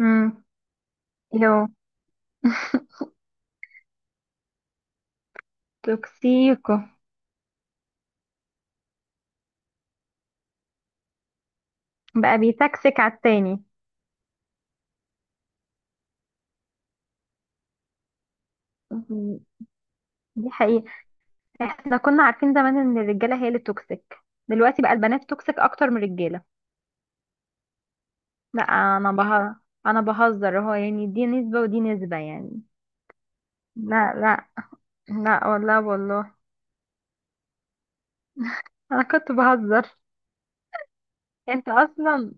امم اللي هو توكسيكو. بقى بيتكسك على التاني. مم. دي حقيقة. احنا كنا عارفين زمان ان الرجالة هي اللي توكسيك، دلوقتي بقى البنات توكسيك اكتر من الرجالة. لا انا بهزر، انا بهزر اهو، يعني دي نسبة ودي نسبة يعني. لا، لا، لا والله والله. انا كنت بهزر. انت اصلا،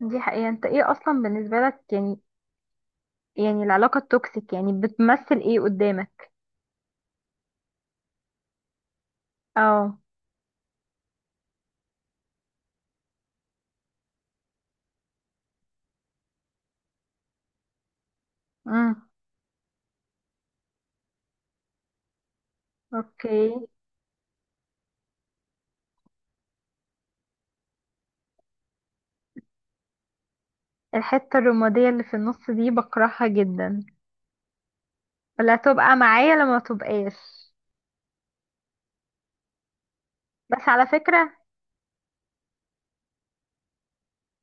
دي حقيقة، انت ايه اصلا بالنسبة لك يعني؟ يعني العلاقة التوكسيك يعني بتمثل ايه قدامك؟ اه. امم اوكي. الحتة الرمادية اللي في النص دي بكرهها جدا، ولا تبقى معايا لما تبقاش، بس على فكرة.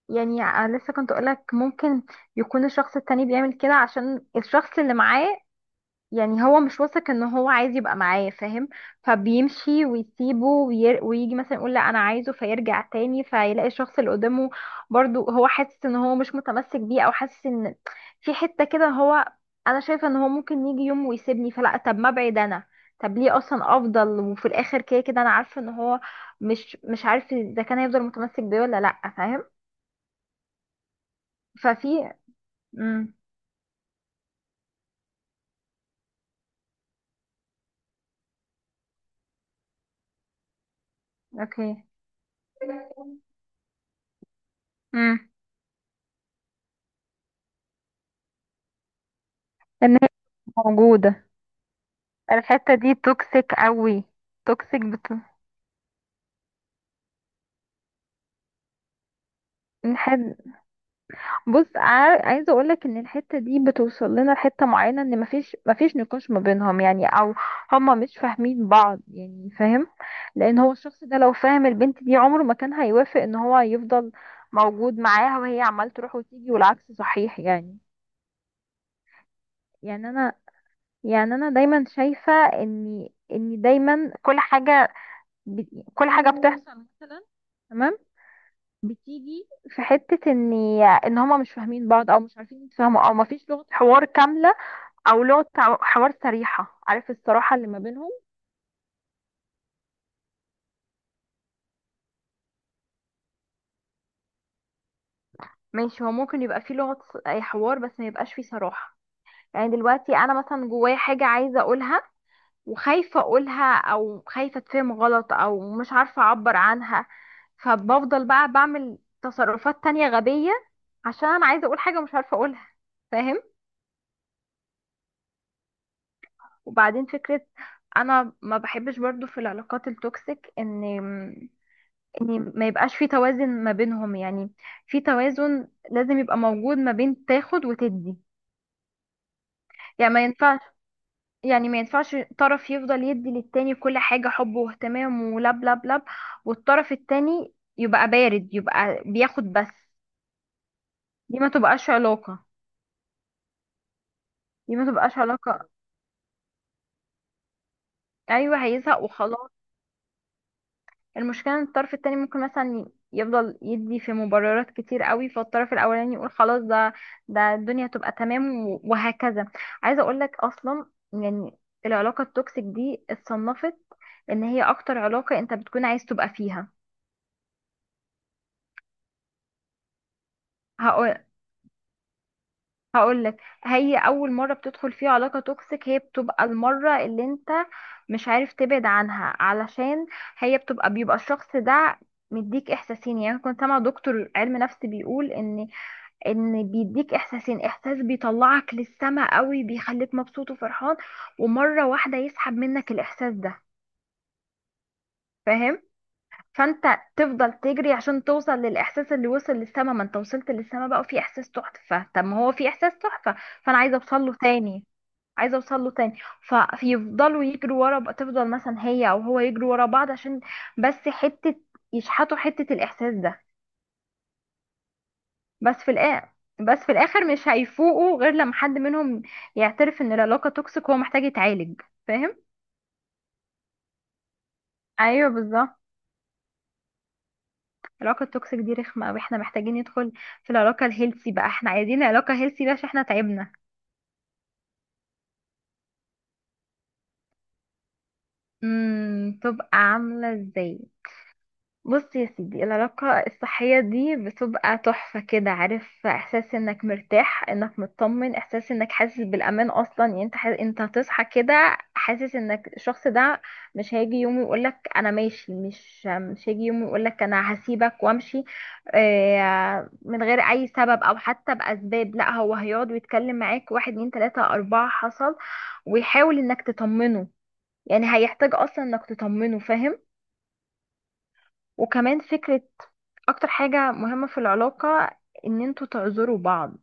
يعني لسه كنت اقولك ممكن يكون الشخص التاني بيعمل كده عشان الشخص اللي معاه، يعني هو مش واثق ان هو عايز يبقى معايا فاهم، فبيمشي ويسيبه ويجي مثلا يقول لا انا عايزه، فيرجع تاني فيلاقي الشخص اللي قدامه برضو هو حاسس ان هو مش متمسك بيه او حاسس ان في حتة كده هو، انا شايفة ان هو ممكن يجي يوم ويسيبني، فلا طب ما ابعد انا، طب ليه اصلا افضل وفي الاخر كده كده انا عارفة ان هو مش عارف اذا كان هيفضل متمسك بيه ولا لا فاهم. ففي، امم اوكي. امم ان هي موجودة. الحتة دي توكسيك قوي. توكسيك بت... الحد... بص، عايزة اقولك ان الحتة دي بتوصل لنا لحتة معينة ان مفيش نقاش ما بينهم يعني، او هما مش فاهمين بعض يعني فاهم. لان هو الشخص ده لو فاهم البنت دي عمره ما كان هيوافق ان هو يفضل موجود معاها وهي عمال تروح وتيجي والعكس صحيح يعني. يعني انا يعني انا دايما شايفة ان دايما كل حاجة ب... كل حاجة بتحصل مثلا، تمام، بتيجي في حتة ان هما مش فاهمين بعض او مش عارفين يتفاهموا او مفيش لغة حوار كاملة، او لغة حوار صريحة، عارف الصراحة اللي ما بينهم. ماشي، هو ممكن يبقى في لغة اي حوار بس ما يبقاش في صراحة. يعني دلوقتي انا مثلا جوايا حاجة عايزة اقولها، وخايفة اقولها او خايفة اتفهم غلط او مش عارفة اعبر عنها، فبفضل بقى بعمل تصرفات تانية غبية عشان انا عايزة اقول حاجة مش عارفة اقولها فاهم. وبعدين فكرة، انا ما بحبش برضو في العلاقات التوكسيك ان ما يبقاش في توازن ما بينهم يعني. في توازن لازم يبقى موجود ما بين تاخد وتدي. يعني ما ينفعش، يعني ما ينفعش طرف يفضل يدي للتاني كل حاجة حب واهتمام ولب لب لب، والطرف التاني يبقى بارد يبقى بياخد بس. دي ما تبقاش علاقة، دي ما تبقاش علاقة. ايوه هيزهق وخلاص. المشكلة ان الطرف التاني ممكن مثلا يفضل يدي في مبررات كتير قوي، فالطرف الاولاني يقول خلاص ده الدنيا تبقى تمام و- وهكذا. عايزة اقول لك اصلا، يعني العلاقة التوكسيك دي اتصنفت ان هي اكتر علاقة انت بتكون عايز تبقى فيها. هقول هقول لك، هي اول مرة بتدخل فيها علاقة توكسيك هي بتبقى المرة اللي انت مش عارف تبعد عنها، علشان هي بتبقى بيبقى الشخص ده مديك احساسين، يعني كنت سامع دكتور علم نفس بيقول ان بيديك احساسين، احساس بيطلعك للسما قوي بيخليك مبسوط وفرحان، ومرة واحدة يسحب منك الاحساس ده فاهم. فانت تفضل تجري عشان توصل للاحساس اللي وصل للسما، ما انت وصلت للسما بقى وفي احساس تحفة، طب ما هو في احساس تحفة، فانا عايزة اوصل له تاني، عايزه اوصل له تاني. فيفضلوا يجروا ورا بقى- تفضل مثلا هي او هو يجروا ورا بعض عشان بس حته يشحطوا حته الاحساس ده. بس في الآخر، بس في الآخر مش هيفوقوا غير لما حد منهم يعترف ان العلاقة توكسيك وهو محتاج يتعالج فاهم. ايوه بالظبط. العلاقة التوكسيك دي رخمة قوي، احنا محتاجين ندخل في العلاقة الهيلثي بقى، احنا عايزين علاقة هيلثي بقى عشان احنا تعبنا. تبقى عاملة ازاي؟ بص يا سيدي، العلاقة الصحية دي بتبقى تحفة كده، عارف احساس انك مرتاح انك مطمن، احساس انك حاسس بالامان اصلا، يعني انت حاسس انت هتصحى كده، حاسس انك الشخص ده مش هيجي يوم يقولك انا ماشي، مش هيجي يوم يقولك انا هسيبك وامشي من غير اي سبب او حتى باسباب، لا هو هيقعد ويتكلم معاك واحد اتنين تلاتة اربعة حصل، ويحاول انك تطمنه، يعني هيحتاج اصلا انك تطمنه فاهم. وكمان فكرة، اكتر حاجة مهمة في العلاقة ان انتوا تعذروا بعض.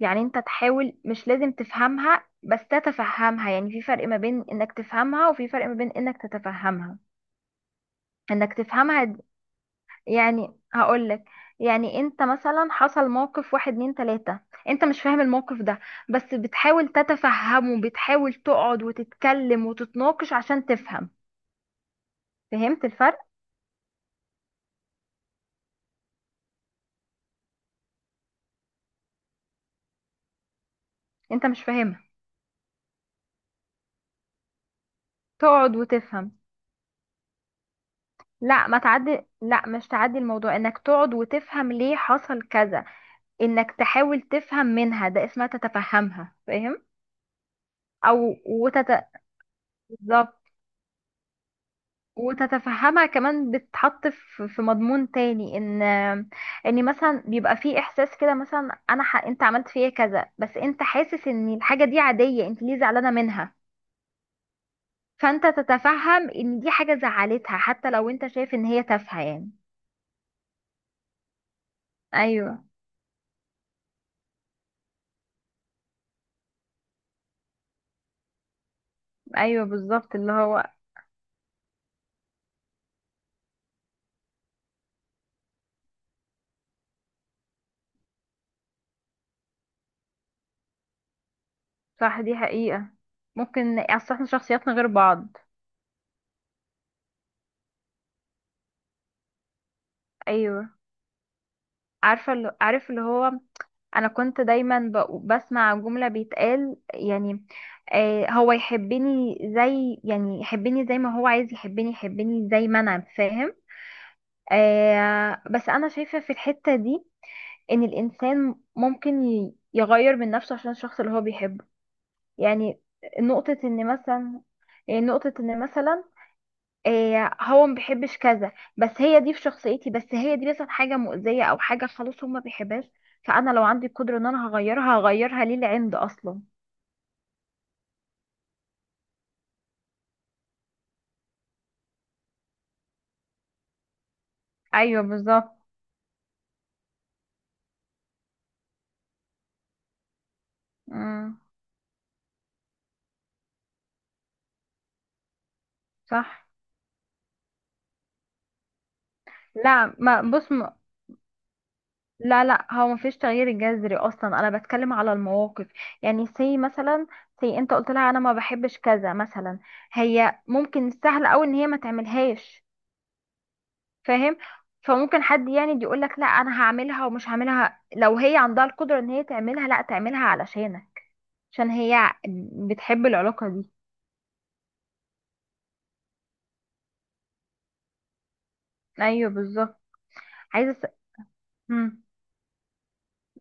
يعني انت تحاول، مش لازم تفهمها بس تتفهمها، يعني في فرق ما بين انك تفهمها وفي فرق ما بين انك تتفهمها. انك تفهمها يعني هقولك، يعني انت مثلا حصل موقف واحد اتنين تلاتة، انت مش فاهم الموقف ده بس بتحاول تتفهمه، بتحاول تقعد وتتكلم وتتناقش عشان تفهم، فهمت الفرق؟ انت مش فاهمها، تقعد وتفهم. لا ما تعدي، لا مش تعدي الموضوع، انك تقعد وتفهم ليه حصل كذا، انك تحاول تفهم منها، ده اسمها تتفهمها فاهم. او وتت... بالظبط. وتتفهمها كمان، بتتحط في مضمون تاني، ان مثلا بيبقى في احساس كده، مثلا انا انت عملت فيا كذا، بس انت حاسس ان الحاجة دي عادية، انت ليه زعلانة منها؟ فانت تتفهم ان دي حاجة زعلتها حتى لو انت شايف ان هي تافهة يعني. ايوه، ايوه بالظبط اللي هو. صح دي حقيقة، ممكن اصل احنا شخصياتنا غير بعض. ايوه. عارفة اللي عارف اللي هو، انا كنت دايما بسمع جملة بيتقال، يعني هو يحبني زي، يعني يحبني زي ما هو عايز يحبني، يحبني زي ما انا فاهم. بس انا شايفة في الحتة دي ان الانسان ممكن يغير من نفسه عشان الشخص اللي هو بيحبه. يعني نقطة ان مثلا، يعني نقطة ان مثلا إيه، هو ما بيحبش كذا، بس هي دي في شخصيتي، بس هي دي مثلا حاجه مؤذيه او حاجه خلاص هو ما بيحبهاش، فانا لو عندي القدره ان انا هغيرها، هغيرها ليه لعند اصلا. ايوه بالظبط. امم صح. لا ما بص ما، لا لا هو ما فيش تغيير جذري اصلا، انا بتكلم على المواقف. يعني سي مثلا، سي انت قلت لها انا ما بحبش كذا مثلا، هي ممكن السهل قوي ان هي ما تعملهاش فاهم. فممكن حد يعني يقول لك لا انا هعملها ومش هعملها، لو هي عندها القدرة ان هي تعملها لا تعملها علشانك، عشان هي بتحب العلاقة دي. ايوه بالظبط. عايزة مم.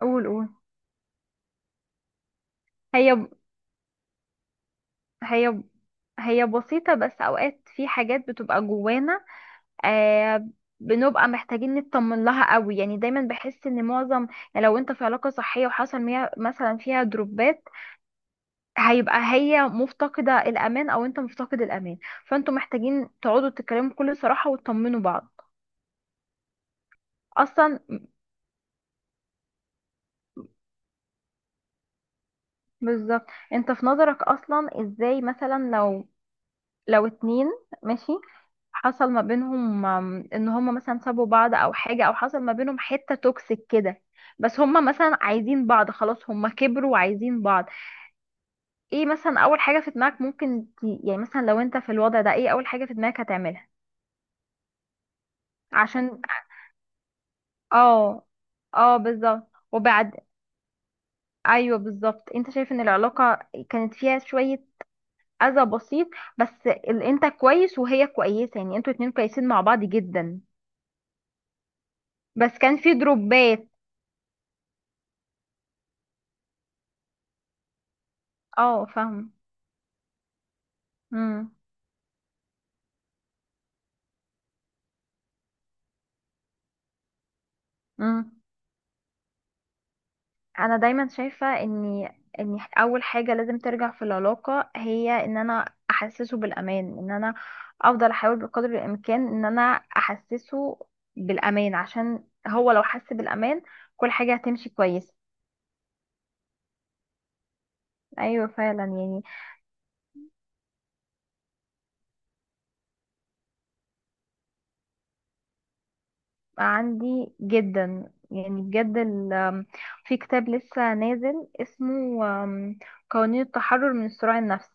قول قول. هي هي هي بسيطة، بس اوقات في حاجات بتبقى جوانا آه بنبقى محتاجين نطمن لها قوي، يعني دايما بحس ان معظم، يعني لو انت في علاقة صحية وحصل مثلا فيها دروبات، هيبقى هي مفتقدة الأمان أو أنت مفتقد الأمان، فأنتوا محتاجين تقعدوا تتكلموا بكل صراحة وتطمنوا بعض. أصلا، بالظبط. أنت في نظرك أصلا إزاي، مثلا لو، لو اتنين، ماشي، حصل ما بينهم إن هما مثلا سابوا بعض أو حاجة، أو حصل ما بينهم حتة توكسيك كده، بس هما مثلا عايزين بعض، خلاص هما كبروا وعايزين بعض. ايه مثلا أول حاجة في دماغك ممكن يعني مثلا لو أنت في الوضع ده، ايه أول حاجة في دماغك هتعملها؟ عشان. اه. اه بالظبط، وبعد. ايوه بالظبط، انت شايف ان العلاقه كانت فيها شويه اذى بسيط، بس انت كويس وهي كويسه، يعني انتوا اتنين كويسين مع بعض جدا، بس كان في دروبات. اه فاهم. امم انا دايما شايفة ان اول حاجة لازم ترجع في العلاقة هي ان انا احسسه بالامان، ان انا افضل احاول بقدر الامكان ان انا احسسه بالامان، عشان هو لو حس بالامان كل حاجة هتمشي كويس. ايوه فعلا يعني. عندي جدا، يعني بجد في كتاب لسه نازل اسمه قوانين التحرر من الصراع النفسي.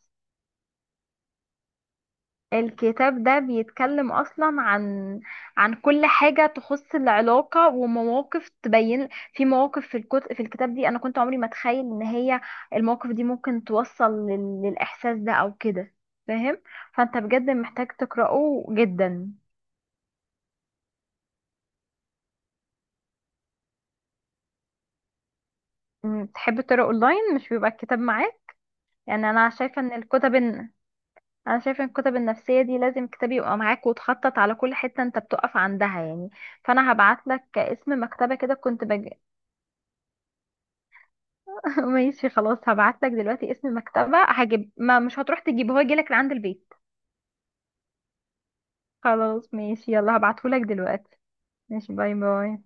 الكتاب ده بيتكلم اصلا عن كل حاجه تخص العلاقه ومواقف، تبين في مواقف في الكتب في الكتاب دي، انا كنت عمري ما اتخيل ان هي المواقف دي ممكن توصل للاحساس ده او كده فاهم. فانت بجد محتاج تقراه جدا. تحب تقرا اونلاين؟ مش بيبقى الكتاب معاك؟ يعني انا شايفه ان الكتب انا شايفه ان الكتب النفسيه دي لازم كتاب يبقى معاك وتخطط على كل حته انت بتقف عندها يعني. فانا هبعت لك اسم مكتبه كده، كنت ماشي خلاص، هبعتلك دلوقتي اسم المكتبة، هجيب، ما مش هتروح تجيبه، هو يجيلك لعند البيت. خلاص ماشي، يلا هبعتهولك دلوقتي. ماشي، باي باي.